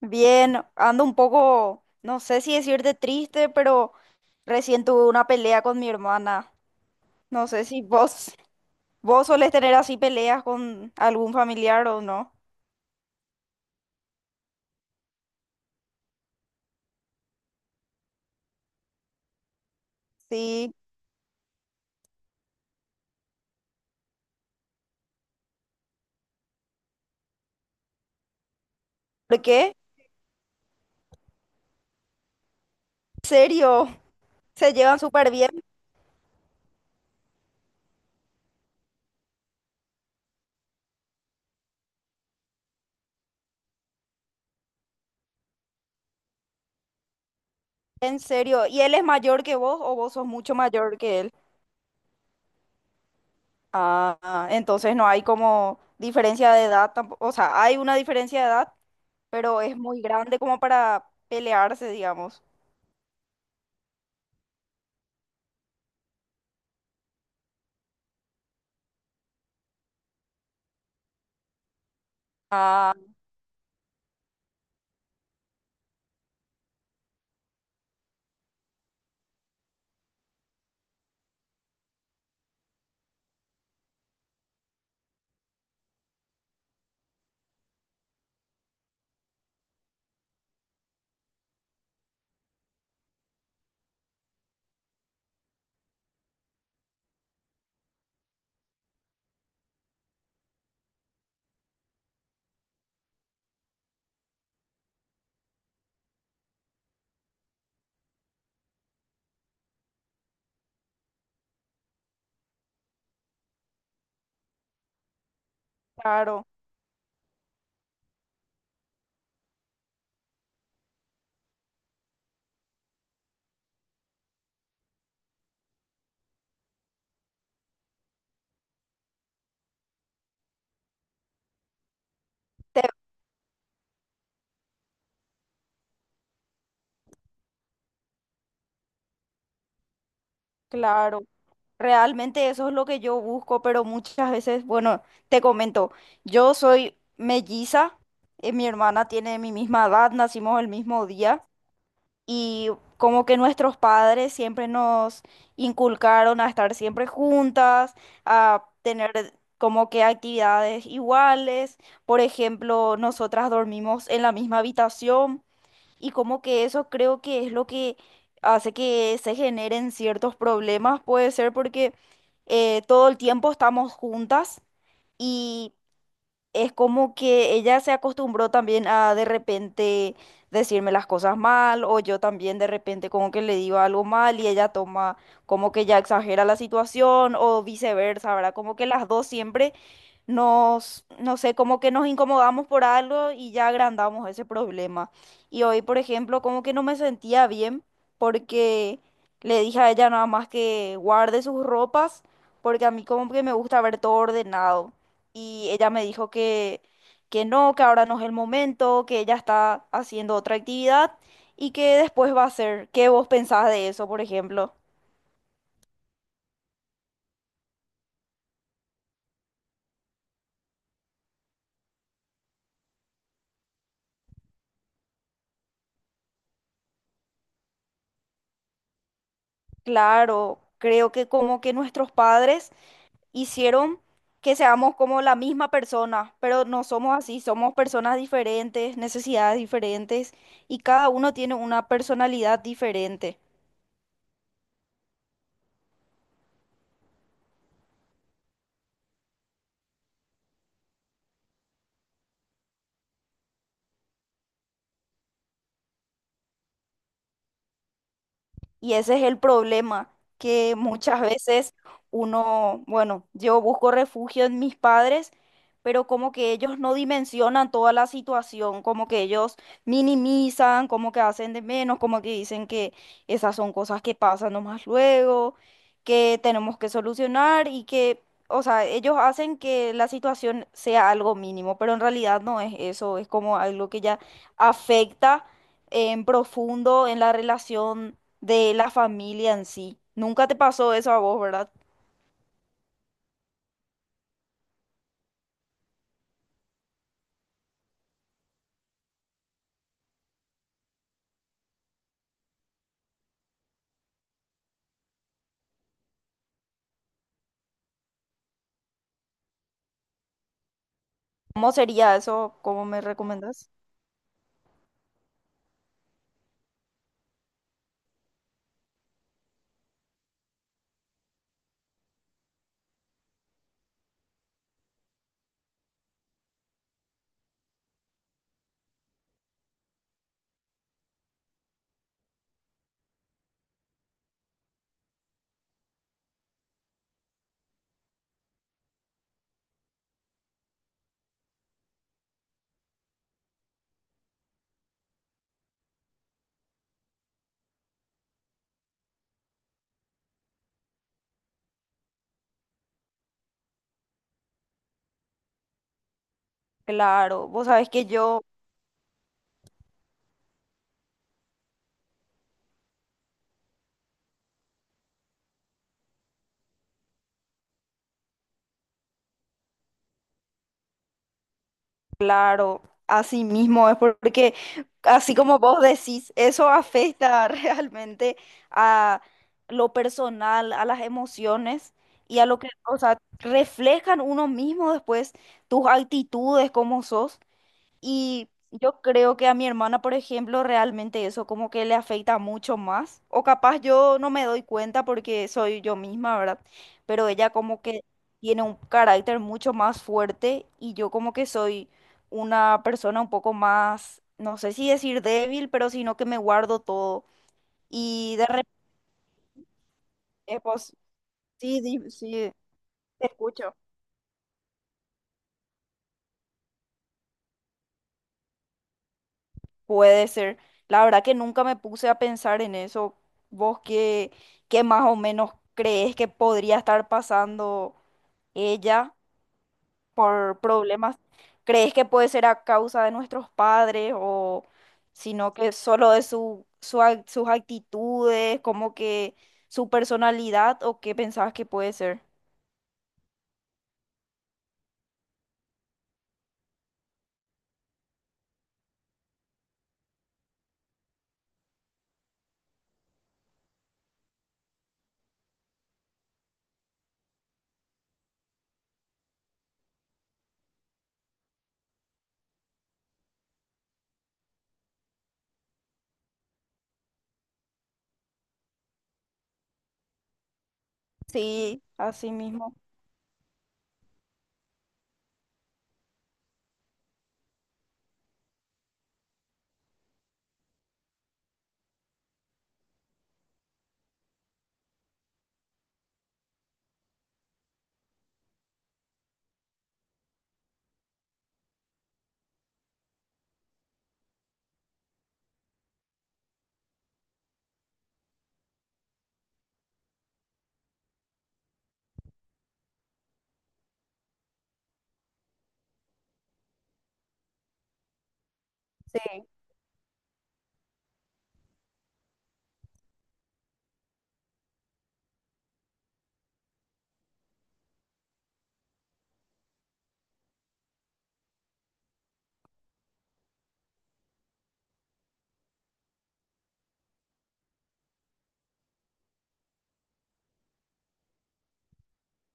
Bien, ando un poco, no sé si decirte triste, pero recién tuve una pelea con mi hermana. No sé si vos, solés tener así peleas con algún familiar o no. Sí, ¿por qué? ¿En serio? Se llevan súper bien, en serio. ¿Y él es mayor que vos o vos sos mucho mayor que él? Ah, entonces no hay como diferencia de edad tampoco. O sea, hay una diferencia de edad, pero es muy grande como para pelearse, digamos. Ah, claro. Te- Claro. Realmente eso es lo que yo busco, pero muchas veces, bueno, te comento, yo soy melliza, mi hermana tiene mi misma edad, nacimos el mismo día y como que nuestros padres siempre nos inculcaron a estar siempre juntas, a tener como que actividades iguales, por ejemplo, nosotras dormimos en la misma habitación. Y como que eso creo que es lo que hace que se generen ciertos problemas, puede ser porque todo el tiempo estamos juntas y es como que ella se acostumbró también a de repente decirme las cosas mal o yo también de repente como que le digo algo mal y ella toma como que ya exagera la situación o viceversa, ¿verdad? Como que las dos siempre nos, no sé, como que nos incomodamos por algo y ya agrandamos ese problema. Y hoy, por ejemplo, como que no me sentía bien porque le dije a ella nada más que guarde sus ropas porque a mí como que me gusta ver todo ordenado y ella me dijo que no, que ahora no es el momento, que ella está haciendo otra actividad y que después va a hacer. ¿Qué vos pensás de eso, por ejemplo? Claro, creo que como que nuestros padres hicieron que seamos como la misma persona, pero no somos así, somos personas diferentes, necesidades diferentes y cada uno tiene una personalidad diferente. Y ese es el problema, que muchas veces uno, bueno, yo busco refugio en mis padres, pero como que ellos no dimensionan toda la situación, como que ellos minimizan, como que hacen de menos, como que dicen que esas son cosas que pasan nomás luego, que tenemos que solucionar y que, o sea, ellos hacen que la situación sea algo mínimo, pero en realidad no es eso, es como algo que ya afecta en profundo en la relación de la familia en sí. Nunca te pasó eso a vos, ¿verdad? ¿Cómo sería eso? ¿Cómo me recomendás? Claro, vos sabés que yo, claro, así mismo es porque, así como vos decís, eso afecta realmente a lo personal, a las emociones y a lo que, o sea, reflejan uno mismo después tus actitudes, cómo sos. Y yo creo que a mi hermana, por ejemplo, realmente eso como que le afecta mucho más. O capaz yo no me doy cuenta porque soy yo misma, ¿verdad? Pero ella como que tiene un carácter mucho más fuerte y yo como que soy una persona un poco más, no sé si decir débil, pero sino que me guardo todo. Y de repente, pues, sí, sí, te escucho. Puede ser. La verdad que nunca me puse a pensar en eso. ¿Vos qué, qué más o menos crees que podría estar pasando ella por problemas? ¿Crees que puede ser a causa de nuestros padres o sino que solo de su, sus actitudes, como que su personalidad o qué pensabas que puede ser? Sí, así mismo. Sí,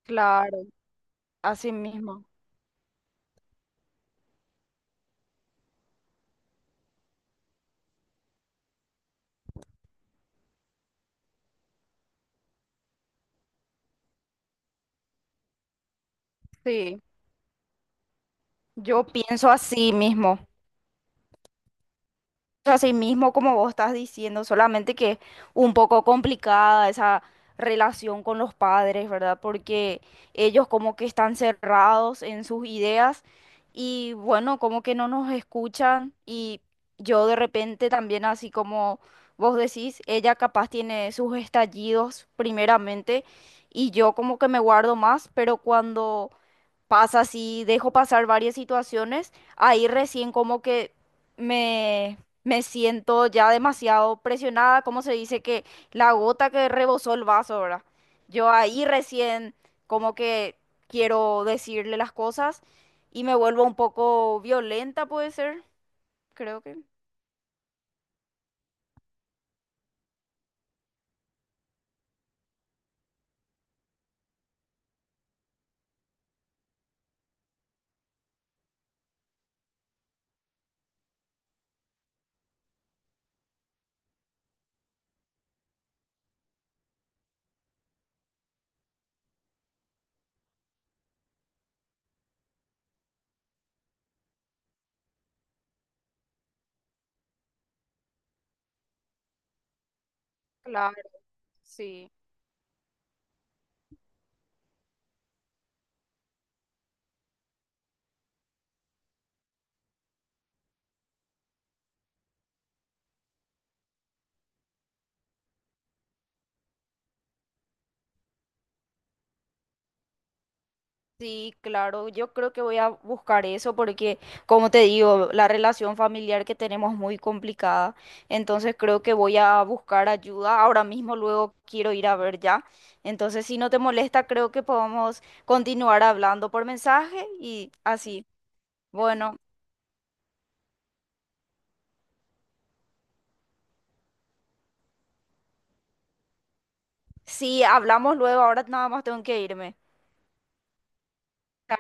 claro, así mismo. Sí, yo pienso así mismo. Así mismo, como vos estás diciendo, solamente que es un poco complicada esa relación con los padres, ¿verdad? Porque ellos como que están cerrados en sus ideas y bueno, como que no nos escuchan y yo de repente también, así como vos decís, ella capaz tiene sus estallidos primeramente y yo como que me guardo más, pero cuando pasa así, dejo pasar varias situaciones, ahí recién como que me, me siento ya demasiado presionada, como se dice que la gota que rebosó el vaso, ¿verdad? Yo ahí recién como que quiero decirle las cosas y me vuelvo un poco violenta, puede ser, creo que. Claro, sí. Sí, claro, yo creo que voy a buscar eso porque, como te digo, la relación familiar que tenemos es muy complicada, entonces creo que voy a buscar ayuda. Ahora mismo luego quiero ir a ver ya. Entonces, si no te molesta, creo que podemos continuar hablando por mensaje y así. Bueno, sí, hablamos luego, ahora nada más tengo que irme.